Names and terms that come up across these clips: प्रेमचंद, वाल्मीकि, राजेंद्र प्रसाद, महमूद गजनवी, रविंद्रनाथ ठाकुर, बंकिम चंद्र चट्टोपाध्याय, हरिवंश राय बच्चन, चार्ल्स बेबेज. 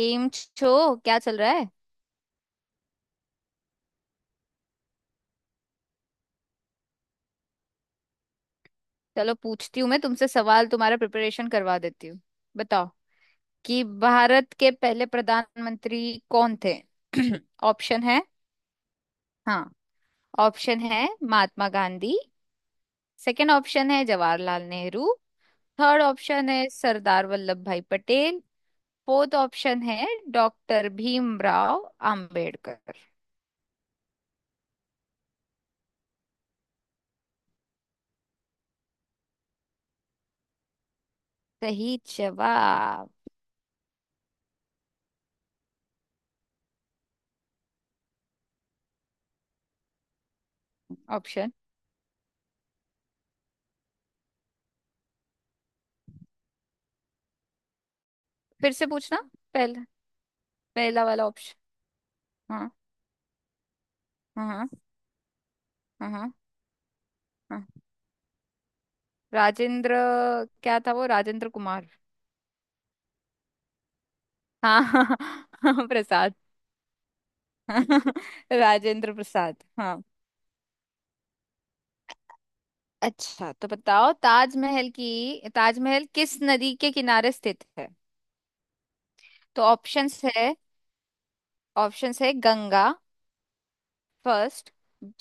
M छो क्या चल रहा है। चलो, पूछती हूँ मैं तुमसे सवाल, तुम्हारा प्रिपरेशन करवा देती हूँ। बताओ कि भारत के पहले प्रधानमंत्री कौन थे? ऑप्शन है। हाँ, ऑप्शन है महात्मा गांधी। सेकंड ऑप्शन है जवाहरलाल नेहरू। थर्ड ऑप्शन है सरदार वल्लभ भाई पटेल। फोर्थ ऑप्शन है डॉक्टर भीमराव अंबेडकर। सही जवाब। ऑप्शन फिर से पूछना। पहला, पहला वाला ऑप्शन। हाँ। हाँ। हाँ। हाँ। हाँ। राजेंद्र, क्या था वो, राजेंद्र कुमार? हाँ, हाँ, प्रसाद। राजेंद्र प्रसाद, हाँ। अच्छा तो बताओ, ताजमहल की, ताजमहल किस नदी के किनारे स्थित है? तो ऑप्शंस है। ऑप्शंस है गंगा, फर्स्ट।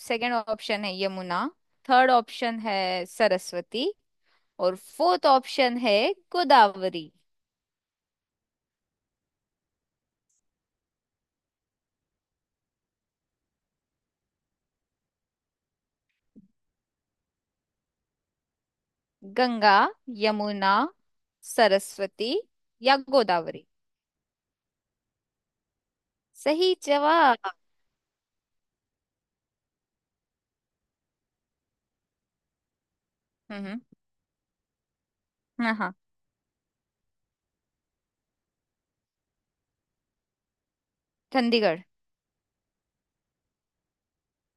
सेकंड ऑप्शन है यमुना। थर्ड ऑप्शन है सरस्वती। और फोर्थ ऑप्शन है गोदावरी। गंगा, यमुना, सरस्वती या गोदावरी। सही जवाब। हम्म। हाँ, हाँ। चंडीगढ़।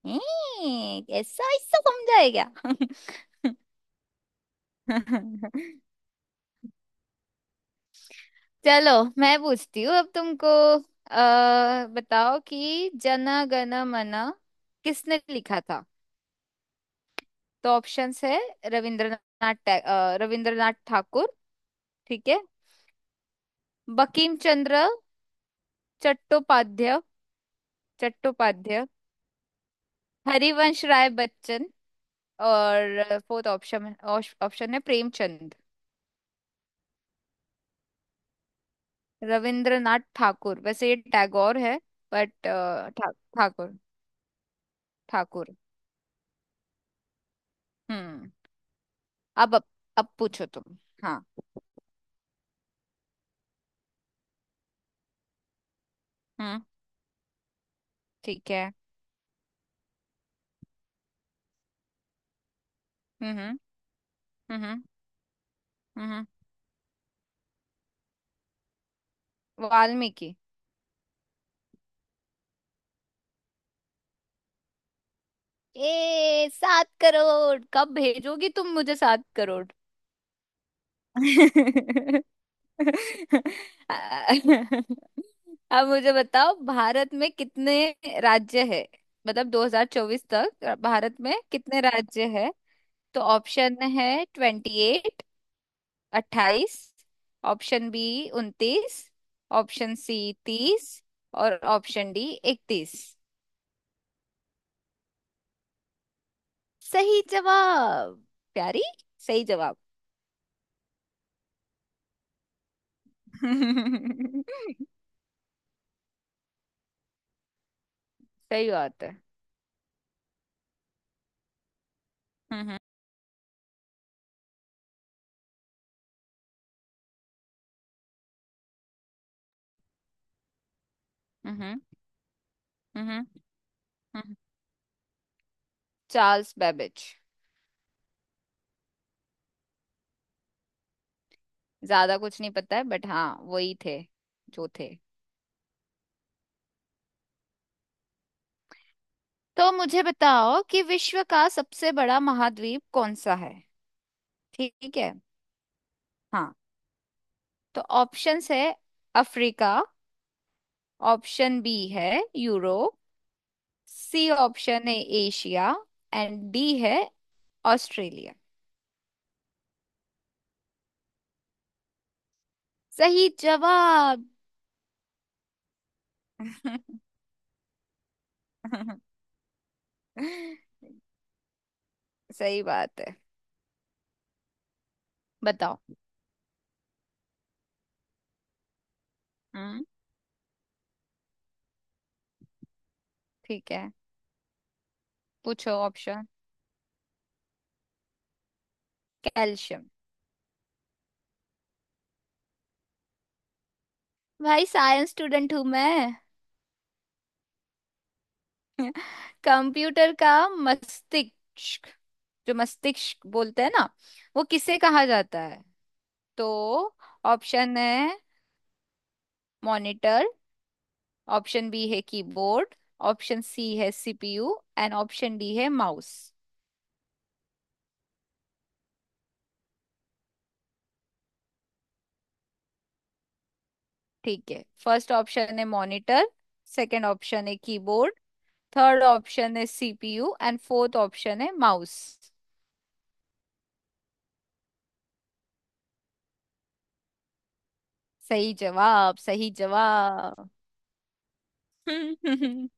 ऐसा ऐसा समझा है क्या? चलो, मैं पूछती हूँ अब तुमको। बताओ कि जन गण मन किसने लिखा था। तो ऑप्शंस है रविंद्रनाथ रविंद्रनाथ ठाकुर। ठीक है। बंकिम चंद्र चट्टोपाध्याय। चट्टोपाध्याय। हरिवंश राय बच्चन। और फोर्थ ऑप्शन, ऑप्शन है प्रेमचंद। रविंद्रनाथ ठाकुर, वैसे ये टैगोर है, बट ठा, ठाकुर। ठाकुर। हम्म। अब अब, अब पूछो तुम। हाँ। हम्म। ठीक है। हम्म। हम्म। हम्म। हम्म। वाल्मीकि। ए, सात करोड़ कब भेजोगी तुम मुझे, सात करोड़? अब मुझे बताओ भारत में कितने राज्य है, मतलब 2024 तक भारत में कितने राज्य है। तो ऑप्शन है ट्वेंटी एट, अट्ठाईस। ऑप्शन बी, उनतीस। ऑप्शन सी, तीस। और ऑप्शन डी, इकतीस। सही जवाब, प्यारी। सही जवाब। सही बात है। हम्म। हम्म। हम्म। हम्म। हम्म। चार्ल्स बेबेज। ज्यादा कुछ नहीं पता है, बट हाँ, वही थे जो थे। तो मुझे बताओ कि विश्व का सबसे बड़ा महाद्वीप कौन सा है। ठीक है। हाँ। तो ऑप्शंस है अफ्रीका। ऑप्शन बी है यूरोप। सी ऑप्शन है एशिया। एंड डी है ऑस्ट्रेलिया। सही जवाब। सही बात है। बताओ। हम्म। ठीक है। पूछो ऑप्शन। कैल्शियम। भाई, साइंस स्टूडेंट हूं मैं। कंप्यूटर का मस्तिष्क, जो मस्तिष्क बोलते हैं ना, वो किसे कहा जाता है? तो ऑप्शन है मॉनिटर। ऑप्शन बी है कीबोर्ड। ऑप्शन सी है सीपीयू एंड ऑप्शन डी है माउस। ठीक है, फर्स्ट ऑप्शन है मॉनिटर। सेकंड ऑप्शन है कीबोर्ड। थर्ड ऑप्शन है सीपीयू एंड फोर्थ ऑप्शन है माउस। सही जवाब, सही जवाब।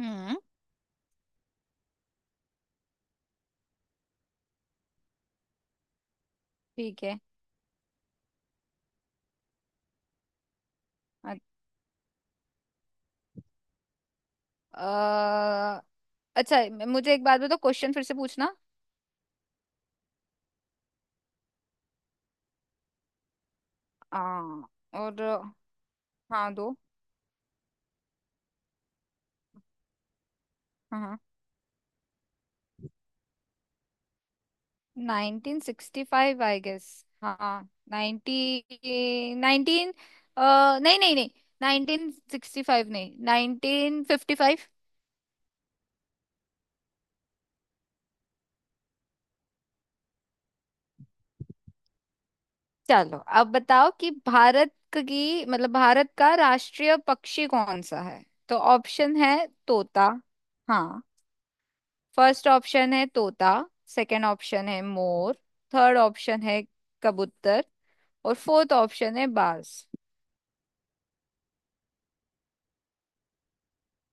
हम्म। ठीक है। अ- अ, अच्छा, मुझे एक बात बताओ, क्वेश्चन फिर से पूछना। आ, और हाँ, दो। हाँ। हाँ। Nineteen sixty five I guess. हाँ, नाइनटी, नाइनटीन। नहीं, नहीं, नहीं। नाइनटीन सिक्सटी फाइव नहीं, नाइनटीन फिफ्टी फाइव। चलो अब बताओ कि भारत की, मतलब भारत का राष्ट्रीय पक्षी कौन सा है। तो ऑप्शन है तोता, हाँ। फर्स्ट ऑप्शन है तोता। सेकंड ऑप्शन है मोर। थर्ड ऑप्शन है कबूतर। और फोर्थ ऑप्शन है बाज।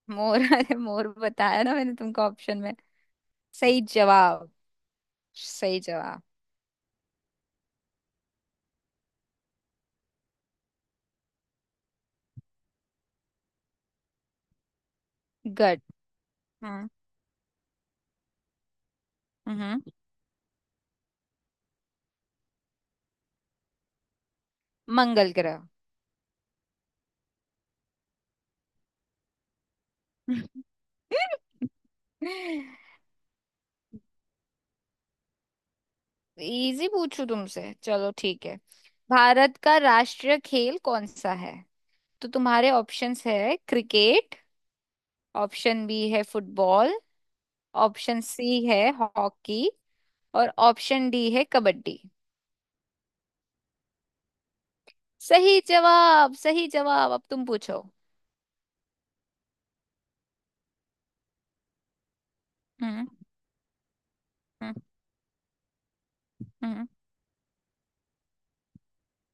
मोर। अरे, मोर बताया ना मैंने तुमको ऑप्शन में। सही जवाब, सही जवाब। गुड। हाँ। हम्म। मंगल ग्रह। इजी पूछू तुमसे, चलो ठीक है। भारत का राष्ट्रीय खेल कौन सा है? तो तुम्हारे ऑप्शंस है क्रिकेट। ऑप्शन बी है फुटबॉल। ऑप्शन सी है हॉकी। और ऑप्शन डी है कबड्डी। सही जवाब, सही जवाब। अब तुम पूछो। हम्म। हम्म। हम्म।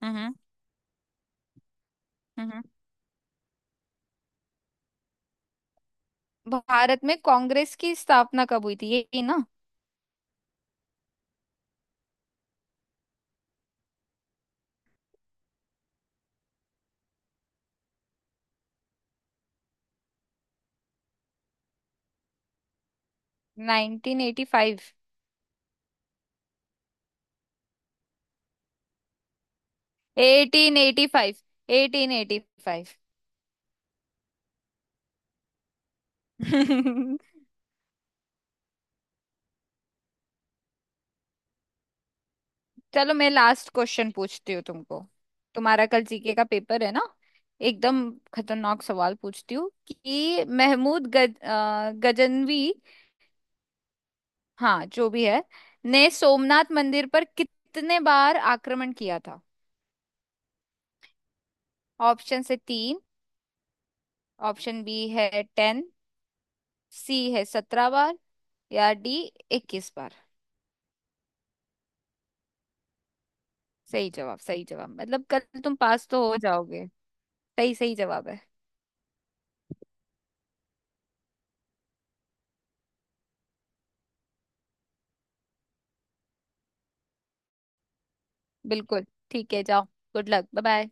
हम्म। हम्म, हम्म। भारत में कांग्रेस की स्थापना कब हुई थी, यही ना? Nineteen eighty five. Eighteen eighty five. Eighteen eighty five. चलो, मैं लास्ट क्वेश्चन पूछती हूँ तुमको। तुम्हारा कल जीके का पेपर है ना, एकदम खतरनाक सवाल पूछती हूँ कि महमूद गजनवी, हाँ जो भी है, ने सोमनाथ मंदिर पर कितने बार आक्रमण किया था? ऑप्शन से तीन। ऑप्शन बी है टेन। सी है सत्रह बार। या डी, इक्कीस बार। सही जवाब, सही जवाब। मतलब कल तुम पास तो हो जाओगे। सही, सही जवाब है। बिल्कुल। ठीक है, जाओ। Good luck, bye bye.